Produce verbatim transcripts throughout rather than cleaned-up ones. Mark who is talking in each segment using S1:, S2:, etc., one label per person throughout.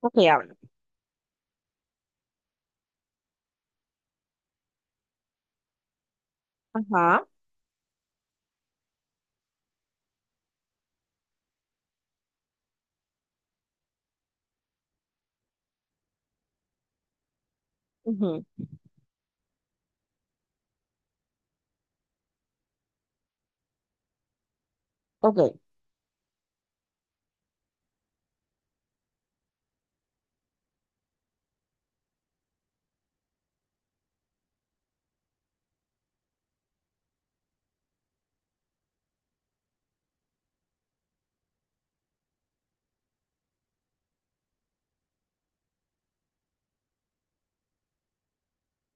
S1: Ok, hablo. Ajá. Ujú. Ok.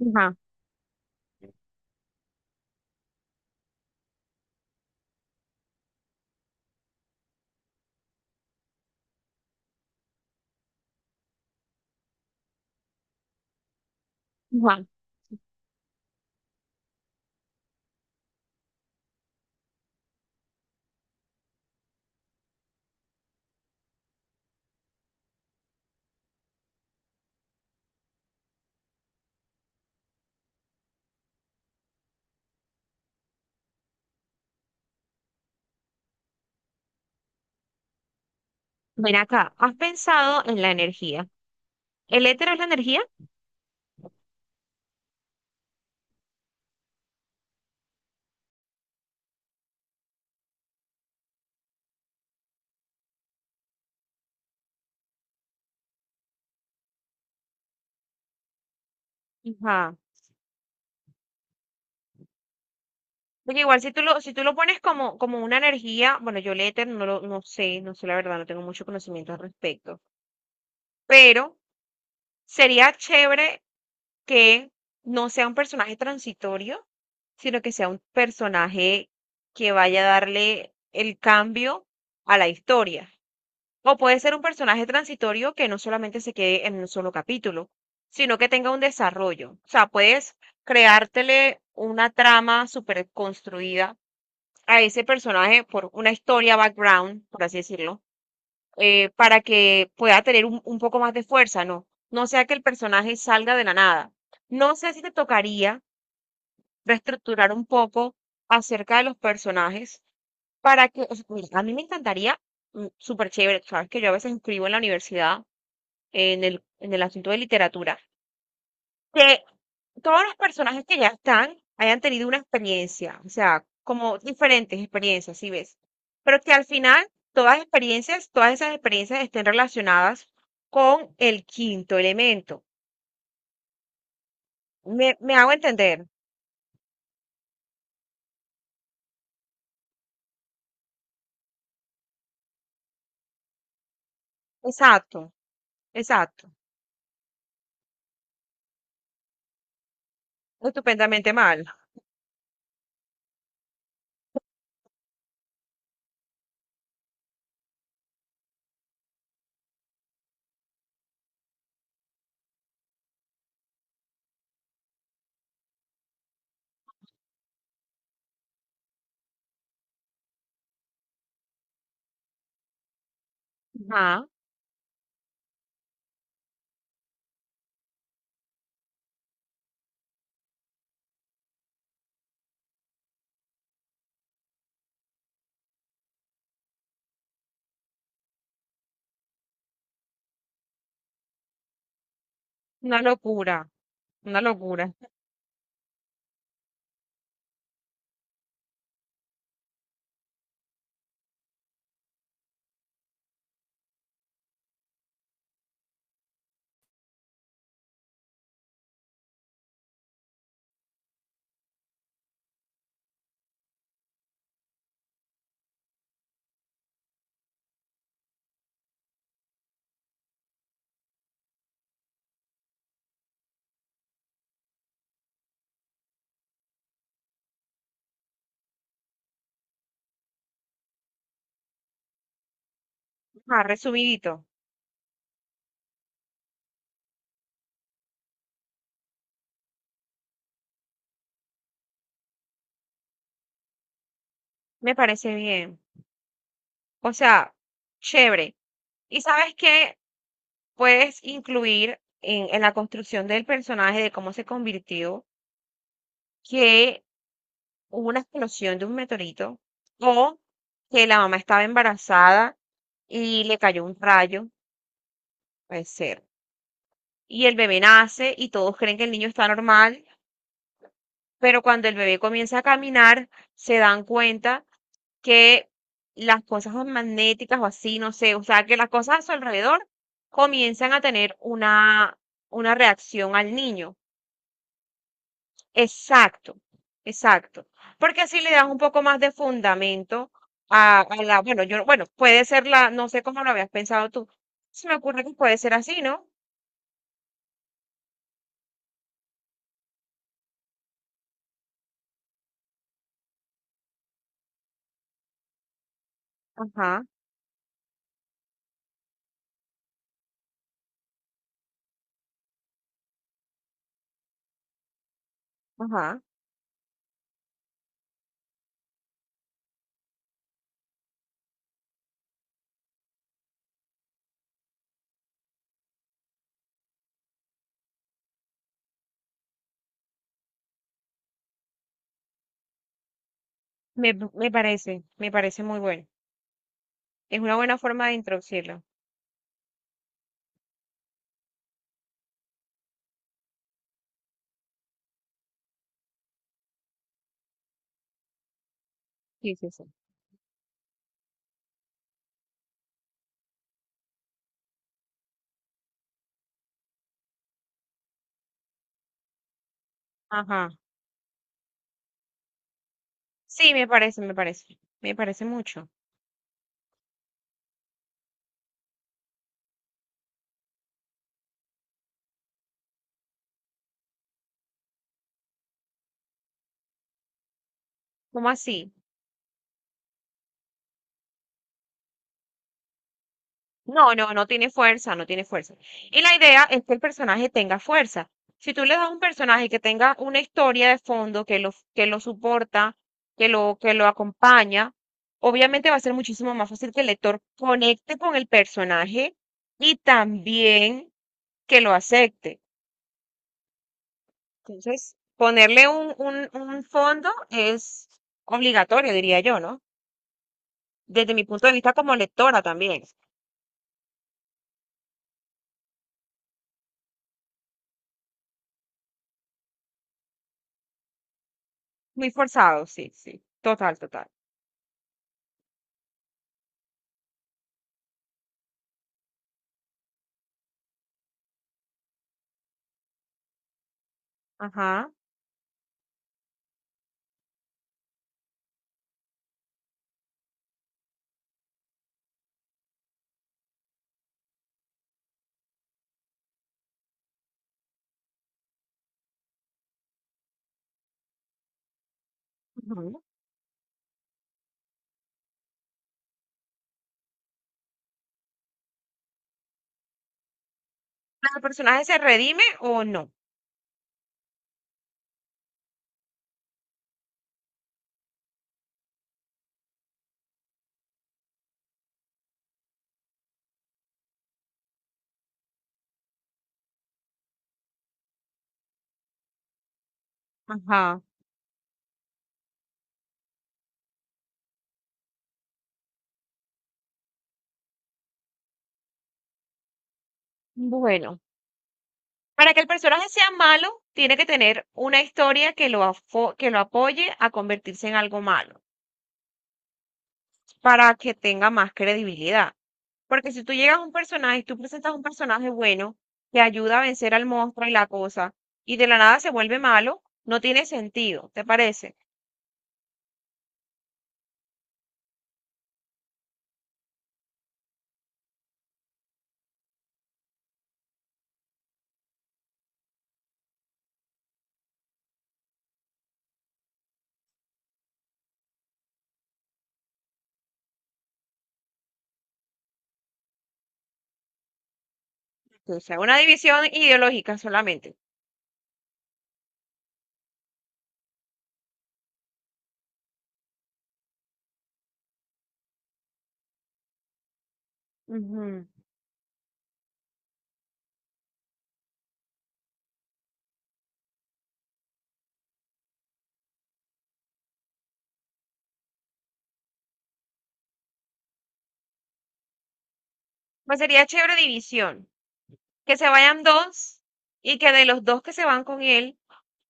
S1: Ajá. Ajá. Ven acá. ¿Has pensado en la energía? ¿El éter es la energía? Ajá. Porque igual si tú lo, si tú lo pones como, como una energía, bueno, yo el éter no lo, no sé, no sé la verdad, no tengo mucho conocimiento al respecto. Pero sería chévere que no sea un personaje transitorio, sino que sea un personaje que vaya a darle el cambio a la historia. O puede ser un personaje transitorio que no solamente se quede en un solo capítulo, sino que tenga un desarrollo. O sea, puedes creártele una trama súper construida a ese personaje por una historia background, por así decirlo, eh, para que pueda tener un, un poco más de fuerza, ¿no? No sea que el personaje salga de la nada. No sé si te tocaría reestructurar un poco acerca de los personajes para que, o sea, mira, a mí me encantaría, mm, súper chévere, sabes que yo a veces escribo en la universidad en el, en el asunto de literatura, que todos los personajes que ya están hayan tenido una experiencia, o sea, como diferentes experiencias, si ves, pero que al final todas experiencias, todas esas experiencias estén relacionadas con el quinto elemento. Me, me hago entender. Exacto, exacto. Estupendamente mal. Ajá, una locura, una locura. Ajá, resumidito. Me parece bien. O sea, chévere. Y sabes que puedes incluir en, en la construcción del personaje, de cómo se convirtió, que hubo una explosión de un meteorito o que la mamá estaba embarazada y le cayó un rayo, puede ser. Y el bebé nace y todos creen que el niño está normal. Pero cuando el bebé comienza a caminar, se dan cuenta que las cosas magnéticas o así, no sé, o sea, que las cosas a su alrededor comienzan a tener una, una reacción al niño. Exacto, exacto. Porque así le dan un poco más de fundamento a, a la, bueno, yo, bueno, puede ser la, no sé cómo lo habías pensado tú. Se me ocurre que puede ser así, ¿no? Ajá, ajá. Me, me parece, me parece muy bueno. Es una buena forma de introducirlo. Sí, sí, sí. Ajá. Sí, me parece, me parece. Me parece mucho. ¿Cómo así? No, no no tiene fuerza, no tiene fuerza. Y la idea es que el personaje tenga fuerza. Si tú le das a un personaje que tenga una historia de fondo, que lo, que lo soporta, que lo, que lo acompaña, obviamente va a ser muchísimo más fácil que el lector conecte con el personaje y también que lo acepte. Entonces, ponerle un, un, un fondo es obligatorio, diría yo, ¿no? Desde mi punto de vista como lectora también. Muy forzado, sí, sí. Total, total. Ajá. Ujú. ¿El personaje se redime o no? Ajá. Bueno, para que el personaje sea malo, tiene que tener una historia que lo, afo- que lo apoye a convertirse en algo malo, para que tenga más credibilidad. Porque si tú llegas a un personaje y tú presentas un personaje bueno que ayuda a vencer al monstruo y la cosa, y de la nada se vuelve malo, no tiene sentido, ¿te parece? O sea, una división ideológica solamente. Ujú. Pues sería chévere división. Que se vayan dos y que de los dos que se van con él,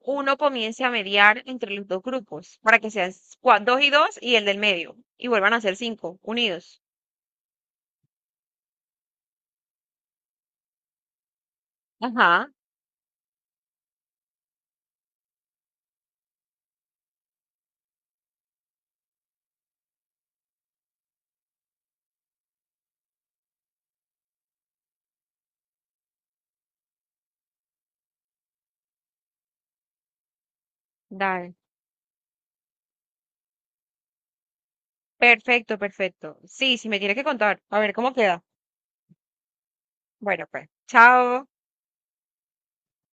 S1: uno comience a mediar entre los dos grupos para que sean cua- dos y dos y el del medio. Y vuelvan a ser cinco, unidos. Ajá, dale. Perfecto, perfecto. Sí, sí me tiene que contar. A ver cómo queda. Bueno, pues. Chao.